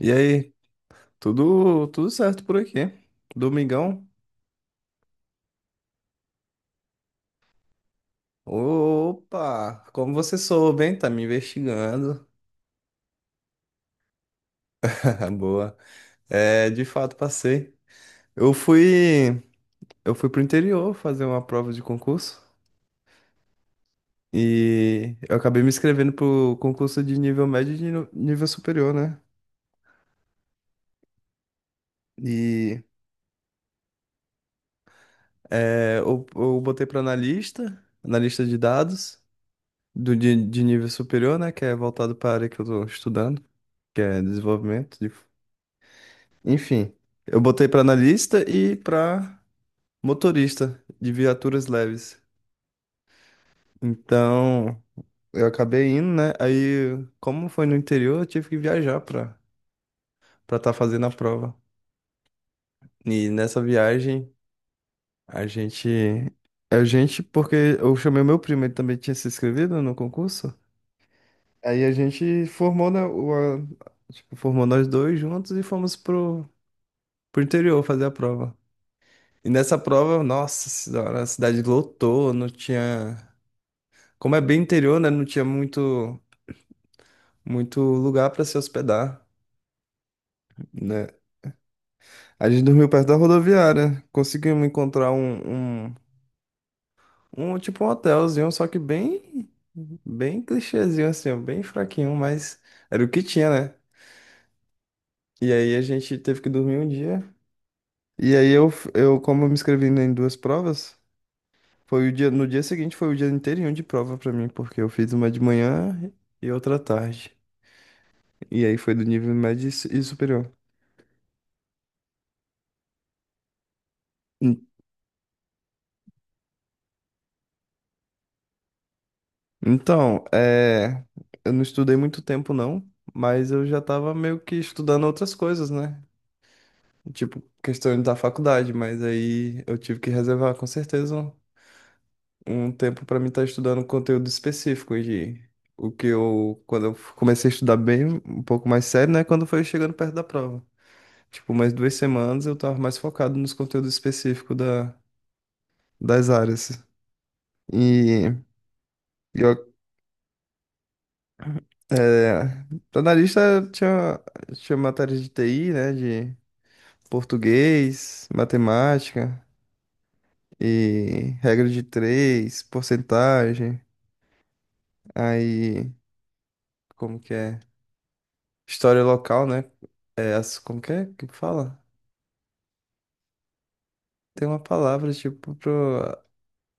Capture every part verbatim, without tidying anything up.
E aí, tudo tudo certo por aqui? Domingão? Opa, como você soube, hein? Tá me investigando. Boa. É, de fato passei. Eu fui eu fui pro interior fazer uma prova de concurso e eu acabei me inscrevendo pro concurso de nível médio e de nu- nível superior, né? E é, eu, eu botei para analista, analista de dados do de, de nível superior, né? Que é voltado para a área que eu estou estudando, que é desenvolvimento de. Enfim, eu botei pra analista e pra motorista de viaturas leves. Então, eu acabei indo, né? Aí, como foi no interior, eu tive que viajar pra para estar fazendo a prova. E nessa viagem, a gente a gente porque eu chamei o meu primo, ele também tinha se inscrevido no concurso. Aí a gente formou, né, o, a- tipo, formou nós dois juntos e fomos pro pro interior fazer a prova. E nessa prova, nossa senhora, a cidade lotou, não tinha. Como é bem interior, né? Não tinha muito, muito lugar para se hospedar, né? A gente dormiu perto da rodoviária, conseguimos encontrar um, um, um tipo um hotelzinho, só que bem, bem clichêzinho, assim, ó, bem fraquinho, mas era o que tinha, né? E aí a gente teve que dormir um dia. E aí eu, eu como eu me inscrevi em duas provas. Foi o dia, no dia seguinte foi o dia inteirinho de prova pra mim, porque eu fiz uma de manhã e outra à tarde. E aí foi do nível médio e su- e superior. En- Então, é, eu não estudei muito tempo não, mas eu já tava meio que estudando outras coisas, né? Tipo, questões da faculdade, mas aí eu tive que reservar com certeza um, um tempo pra mim estar estudando conteúdo específico de o que eu quando eu comecei a estudar bem, um pouco mais sério, né, quando foi chegando perto da prova. Tipo, mais duas semanas eu tava mais focado nos conteúdos específicos da, das áreas. E, e eu, é, pra analista tinha, tinha matéria de T I, né? De português, matemática e regra de três, porcentagem. Aí, como que é? História local, né? É, ass- como que é que fala? Tem uma palavra, tipo, pro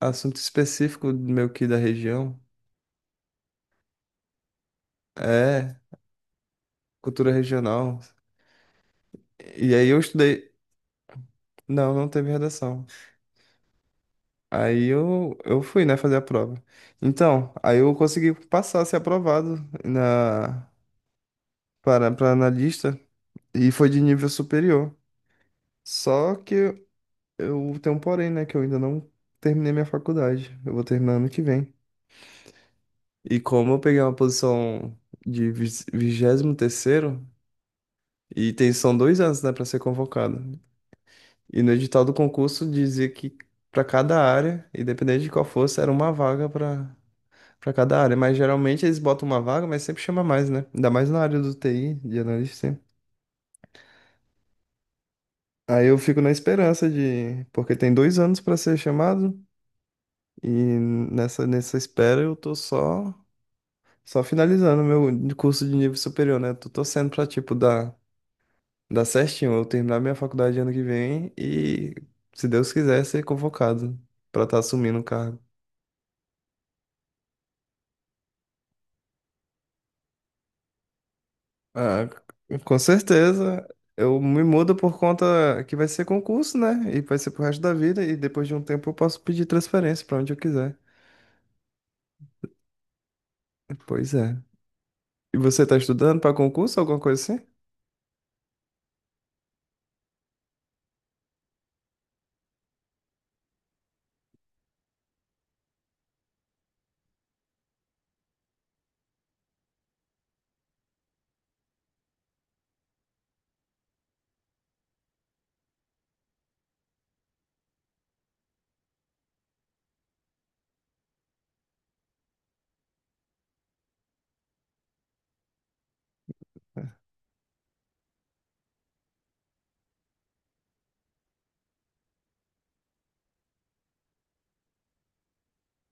assunto específico meio que da região. É, cultura regional. E aí eu estudei. Não, não teve redação. Aí eu, eu fui, né, fazer a prova. Então, aí eu consegui passar, ser aprovado na, para, para analista e foi de nível superior. Só que eu tenho um porém, né, que eu ainda não terminei minha faculdade. Eu vou terminar ano que vem. E como eu peguei uma posição de vigésimo terceiro, e tem, são dois anos, né, para ser convocado. E no edital do concurso dizia que para cada área, independente de qual fosse, era uma vaga para para cada área. Mas geralmente eles botam uma vaga, mas sempre chama mais, né? Ainda mais na área do T I, de analista. Aí eu fico na esperança de. Porque tem dois anos para ser chamado, e nessa, nessa espera eu tô só, só finalizando meu curso de nível superior, né? Tô torcendo pra, tipo, dar, dar certinho, eu terminar minha faculdade ano que vem e, se Deus quiser, ser convocado pra estar assumindo o cargo. Ah, com certeza. Eu me mudo por conta que vai ser concurso, né? E vai ser pro resto da vida. E depois de um tempo eu posso pedir transferência pra onde eu quiser. Pois é. E você tá estudando pra concurso, alguma coisa assim?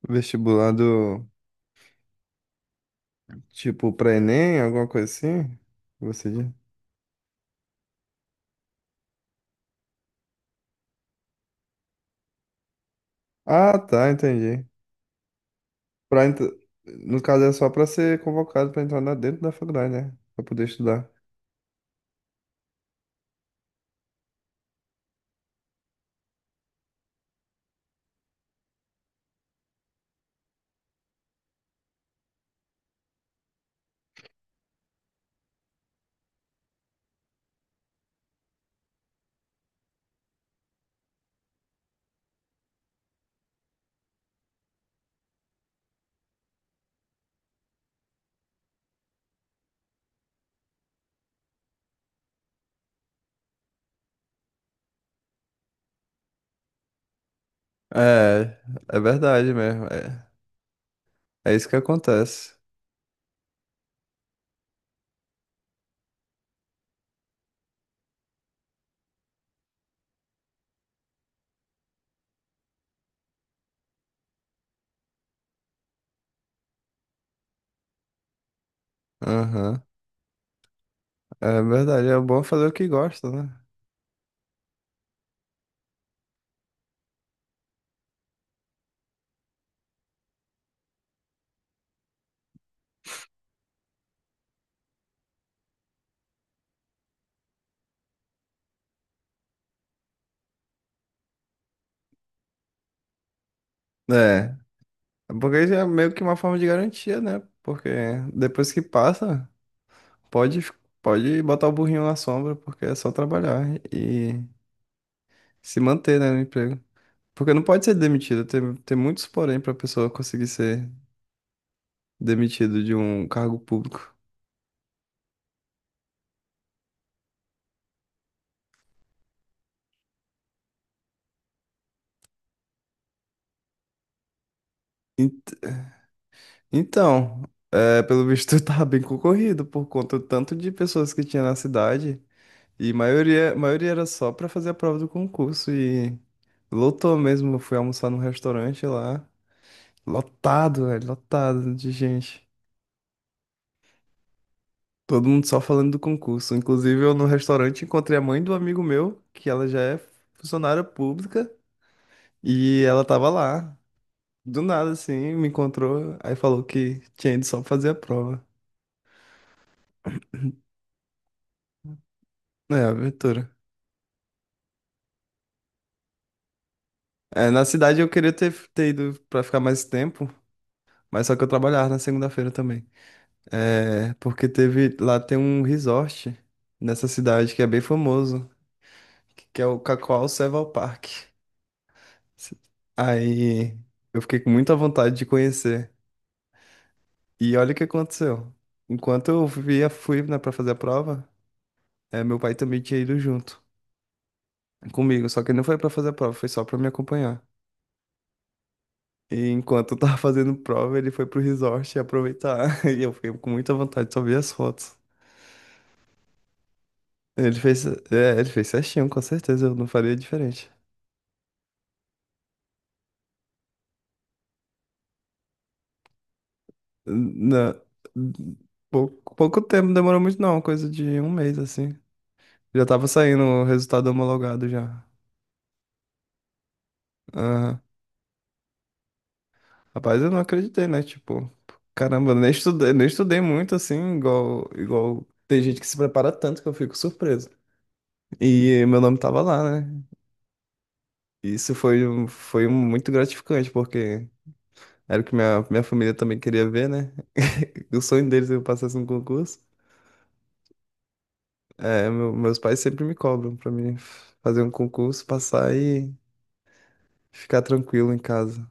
Vestibular do tipo pra Enem, alguma coisa assim? Você diz? Ah, tá, entendi. Pra ent- No caso é só pra ser convocado pra entrar lá dentro da faculdade, né? Pra poder estudar. É, é verdade mesmo. É, é isso que acontece. Aham. É verdade, é bom fazer o que gosta, né? É, porque isso é meio que uma forma de garantia, né? Porque depois que passa, pode, pode botar o burrinho na sombra, porque é só trabalhar e se manter, né, no emprego. Porque não pode ser demitido, tem, tem muitos porém para a pessoa conseguir ser demitido de um cargo público. En- Então, é, pelo visto, tá bem concorrido por conta do tanto de pessoas que tinha na cidade. E maioria, maioria era só pra fazer a prova do concurso e lotou mesmo. Eu fui almoçar num restaurante lá, lotado, velho, lotado de gente. Todo mundo só falando do concurso. Inclusive, eu no restaurante encontrei a mãe do amigo meu, que ela já é funcionária pública, e ela tava lá. Do nada, assim, me encontrou, aí falou que tinha ido só pra fazer a prova. É, aventura. É, na cidade eu queria ter, ter ido pra ficar mais tempo, mas só que eu trabalhava na segunda-feira também. É, porque teve, lá tem um resort nessa cidade que é bem famoso, que é o Cacoal Serval Park. Aí eu fiquei com muita vontade de conhecer. E olha o que aconteceu. Enquanto eu via, fui, né, pra fazer a prova, é, meu pai também tinha ido junto comigo, só que ele não foi pra fazer a prova, foi só pra me acompanhar. E enquanto eu tava fazendo prova, ele foi pro resort aproveitar. E eu fiquei com muita vontade de só ver as fotos. Ele fez, é, ele fez certinho, com certeza, eu não faria diferente. Não, pouco, pouco tempo, demorou muito não, coisa de um mês assim. Já tava saindo o resultado homologado já. Aham. Rapaz, eu não acreditei, né? Tipo, caramba, eu nem estudei, nem estudei muito assim, igual, igual tem gente que se prepara tanto que eu fico surpreso. E meu nome tava lá, né? Isso foi, um- foi um muito gratificante, porque era o que minha, minha família também queria ver, né? O sonho deles é que eu passasse um concurso. É, meu- meus pais sempre me cobram pra mim fazer um concurso, passar e ficar tranquilo em casa.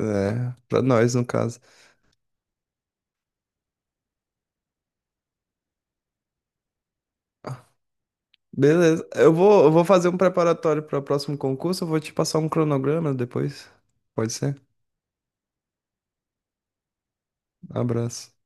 É, pra nós, no caso. Beleza. Eu vou, eu vou fazer um preparatório para o próximo concurso. Eu vou te passar um cronograma depois. Pode ser? Abraço.